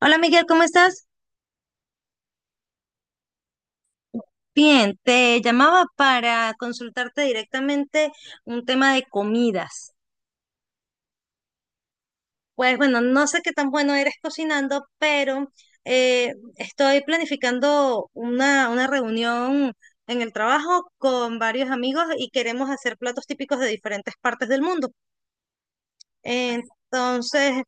Hola Miguel, ¿cómo estás? Bien, te llamaba para consultarte directamente un tema de comidas. Pues bueno, no sé qué tan bueno eres cocinando, pero estoy planificando una reunión en el trabajo con varios amigos y queremos hacer platos típicos de diferentes partes del mundo. Entonces,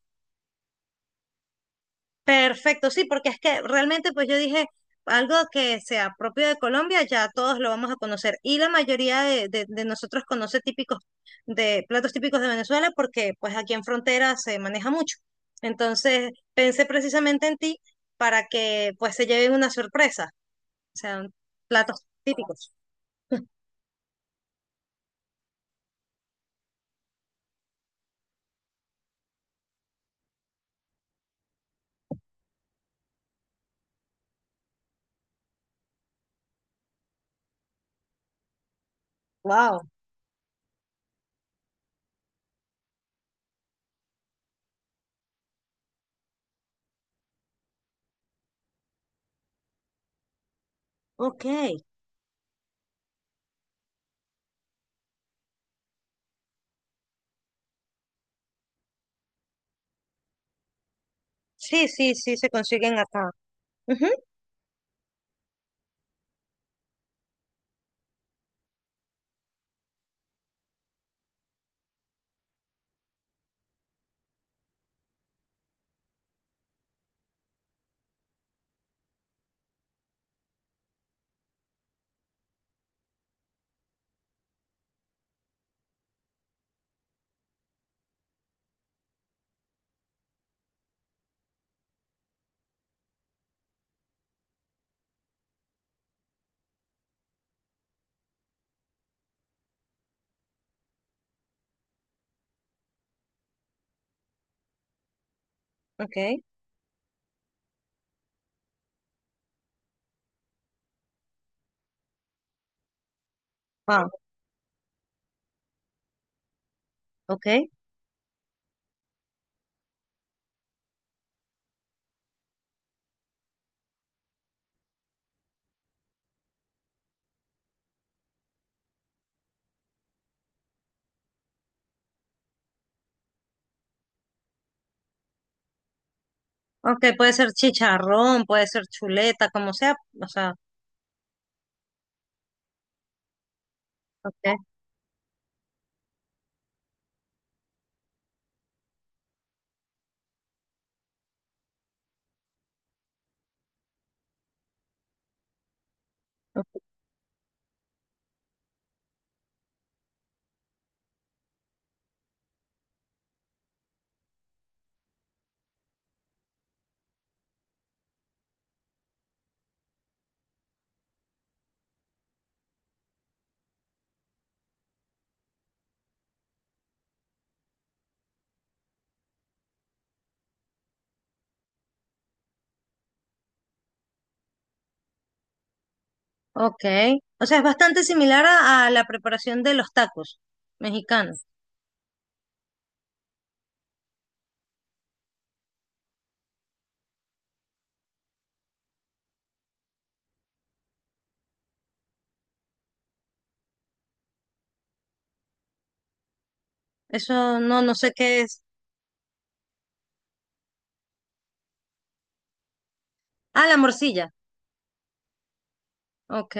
perfecto, sí, porque es que realmente pues yo dije algo que sea propio de Colombia, ya todos lo vamos a conocer y la mayoría de nosotros conoce típicos de platos típicos de Venezuela porque pues aquí en frontera se maneja mucho. Entonces pensé precisamente en ti para que pues se lleven una sorpresa, o sea, platos típicos. Wow, ok. Sí, sí, sí, se consiguen acá. Ujú, ok, wow, ok. Ok, puede ser chicharrón, puede ser chuleta, como sea, o sea. Okay. Ok. Ok. O sea, es bastante similar a la preparación de los tacos mexicanos. Eso no, no sé qué es. Ah, la morcilla. Ok.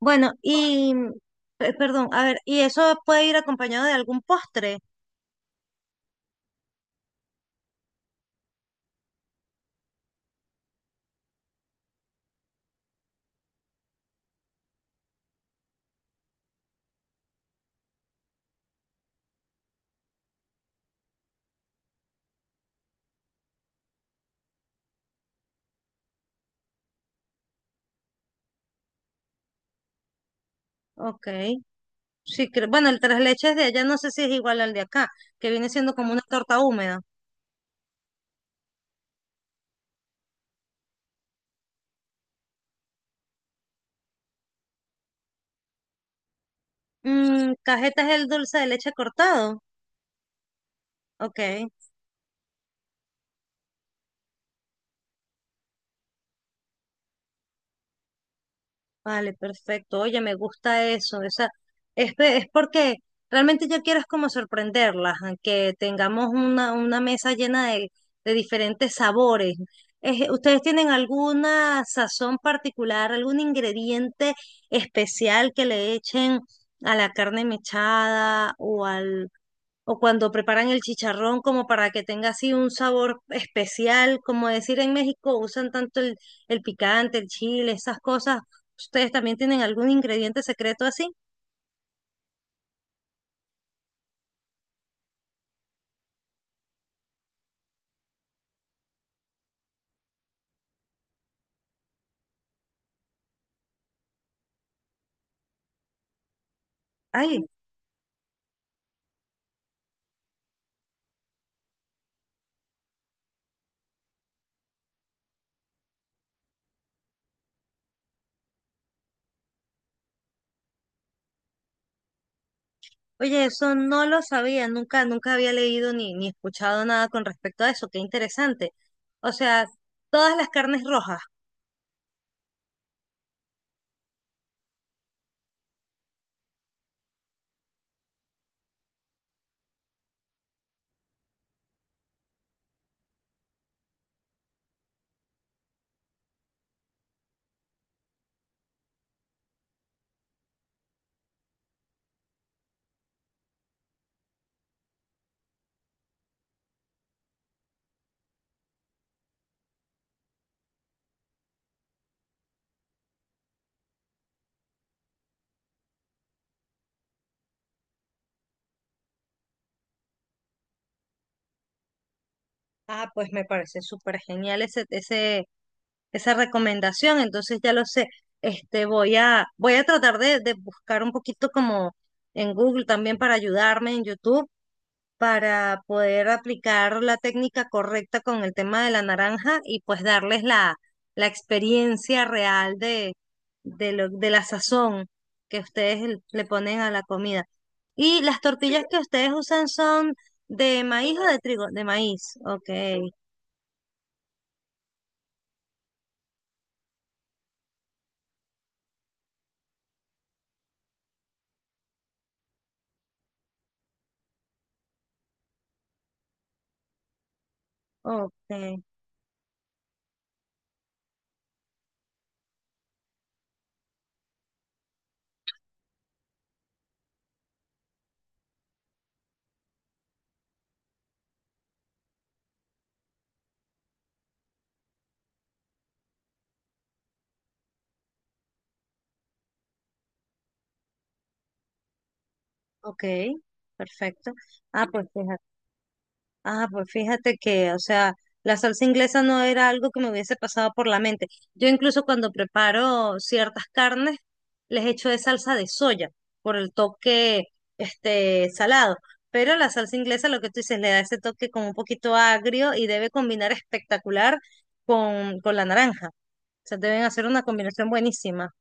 Bueno, y, perdón, a ver, ¿y eso puede ir acompañado de algún postre? Ok. Sí, bueno, el tres leches de allá no sé si es igual al de acá, que viene siendo como una torta húmeda. Mm, cajeta es el dulce de leche cortado. Ok. Vale, perfecto. Oye, me gusta eso. O sea, es, es porque realmente yo quiero es como sorprenderlas, a que tengamos una mesa llena de diferentes sabores. ¿Ustedes tienen alguna sazón particular, algún ingrediente especial que le echen a la carne mechada o al o cuando preparan el chicharrón como para que tenga así un sabor especial, como decir en México usan tanto el picante, el chile, esas cosas. ¿Ustedes también tienen algún ingrediente secreto así? Ay, oye, eso no lo sabía, nunca, nunca había leído ni escuchado nada con respecto a eso, qué interesante. O sea, todas las carnes rojas. Ah, pues me parece súper genial esa recomendación, entonces ya lo sé. Este, voy a tratar de buscar un poquito como en Google también para ayudarme en YouTube, para poder aplicar la técnica correcta con el tema de la naranja y pues darles la, la experiencia real de lo, de la sazón que ustedes le ponen a la comida. Y las tortillas que ustedes usan son de maíz o de trigo, de maíz. Ok, ok. Ok, perfecto. Ah, pues fíjate, ah, pues fíjate que, o sea, la salsa inglesa no era algo que me hubiese pasado por la mente. Yo incluso cuando preparo ciertas carnes, les echo de salsa de soya por el toque, este, salado. Pero la salsa inglesa, lo que tú dices, le da ese toque como un poquito agrio y debe combinar espectacular con la naranja. O sea, deben hacer una combinación buenísima.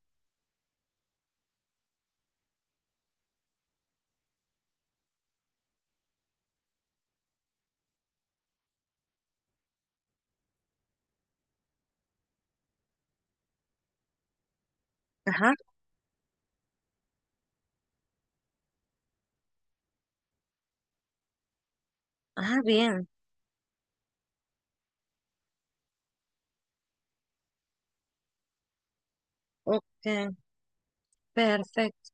Ajá. Ah, bien. Ok, perfecto.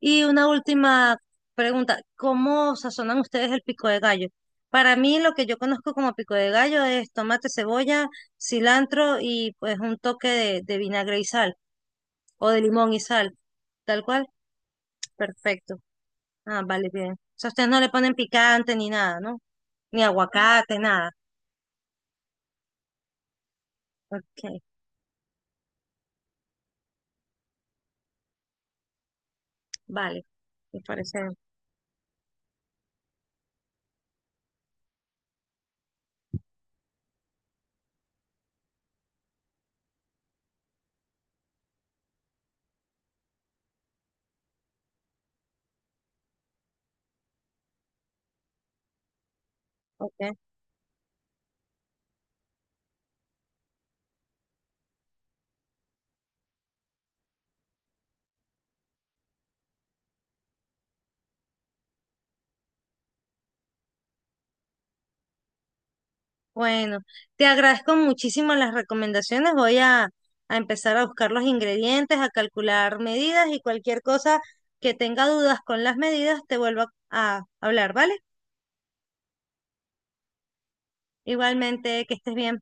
Y una última pregunta, ¿cómo sazonan ustedes el pico de gallo? Para mí lo que yo conozco como pico de gallo es tomate, cebolla, cilantro y pues un toque de vinagre y sal o de limón y sal. Tal cual, perfecto. Ah, vale, bien. O sea, ustedes no le ponen picante ni nada, ¿no? Ni aguacate, nada. Ok, vale. Me parece. Ok. Bueno, te agradezco muchísimo las recomendaciones. Voy a empezar a buscar los ingredientes, a calcular medidas y cualquier cosa que tenga dudas con las medidas, te vuelvo a hablar, ¿vale? Igualmente, que estés bien.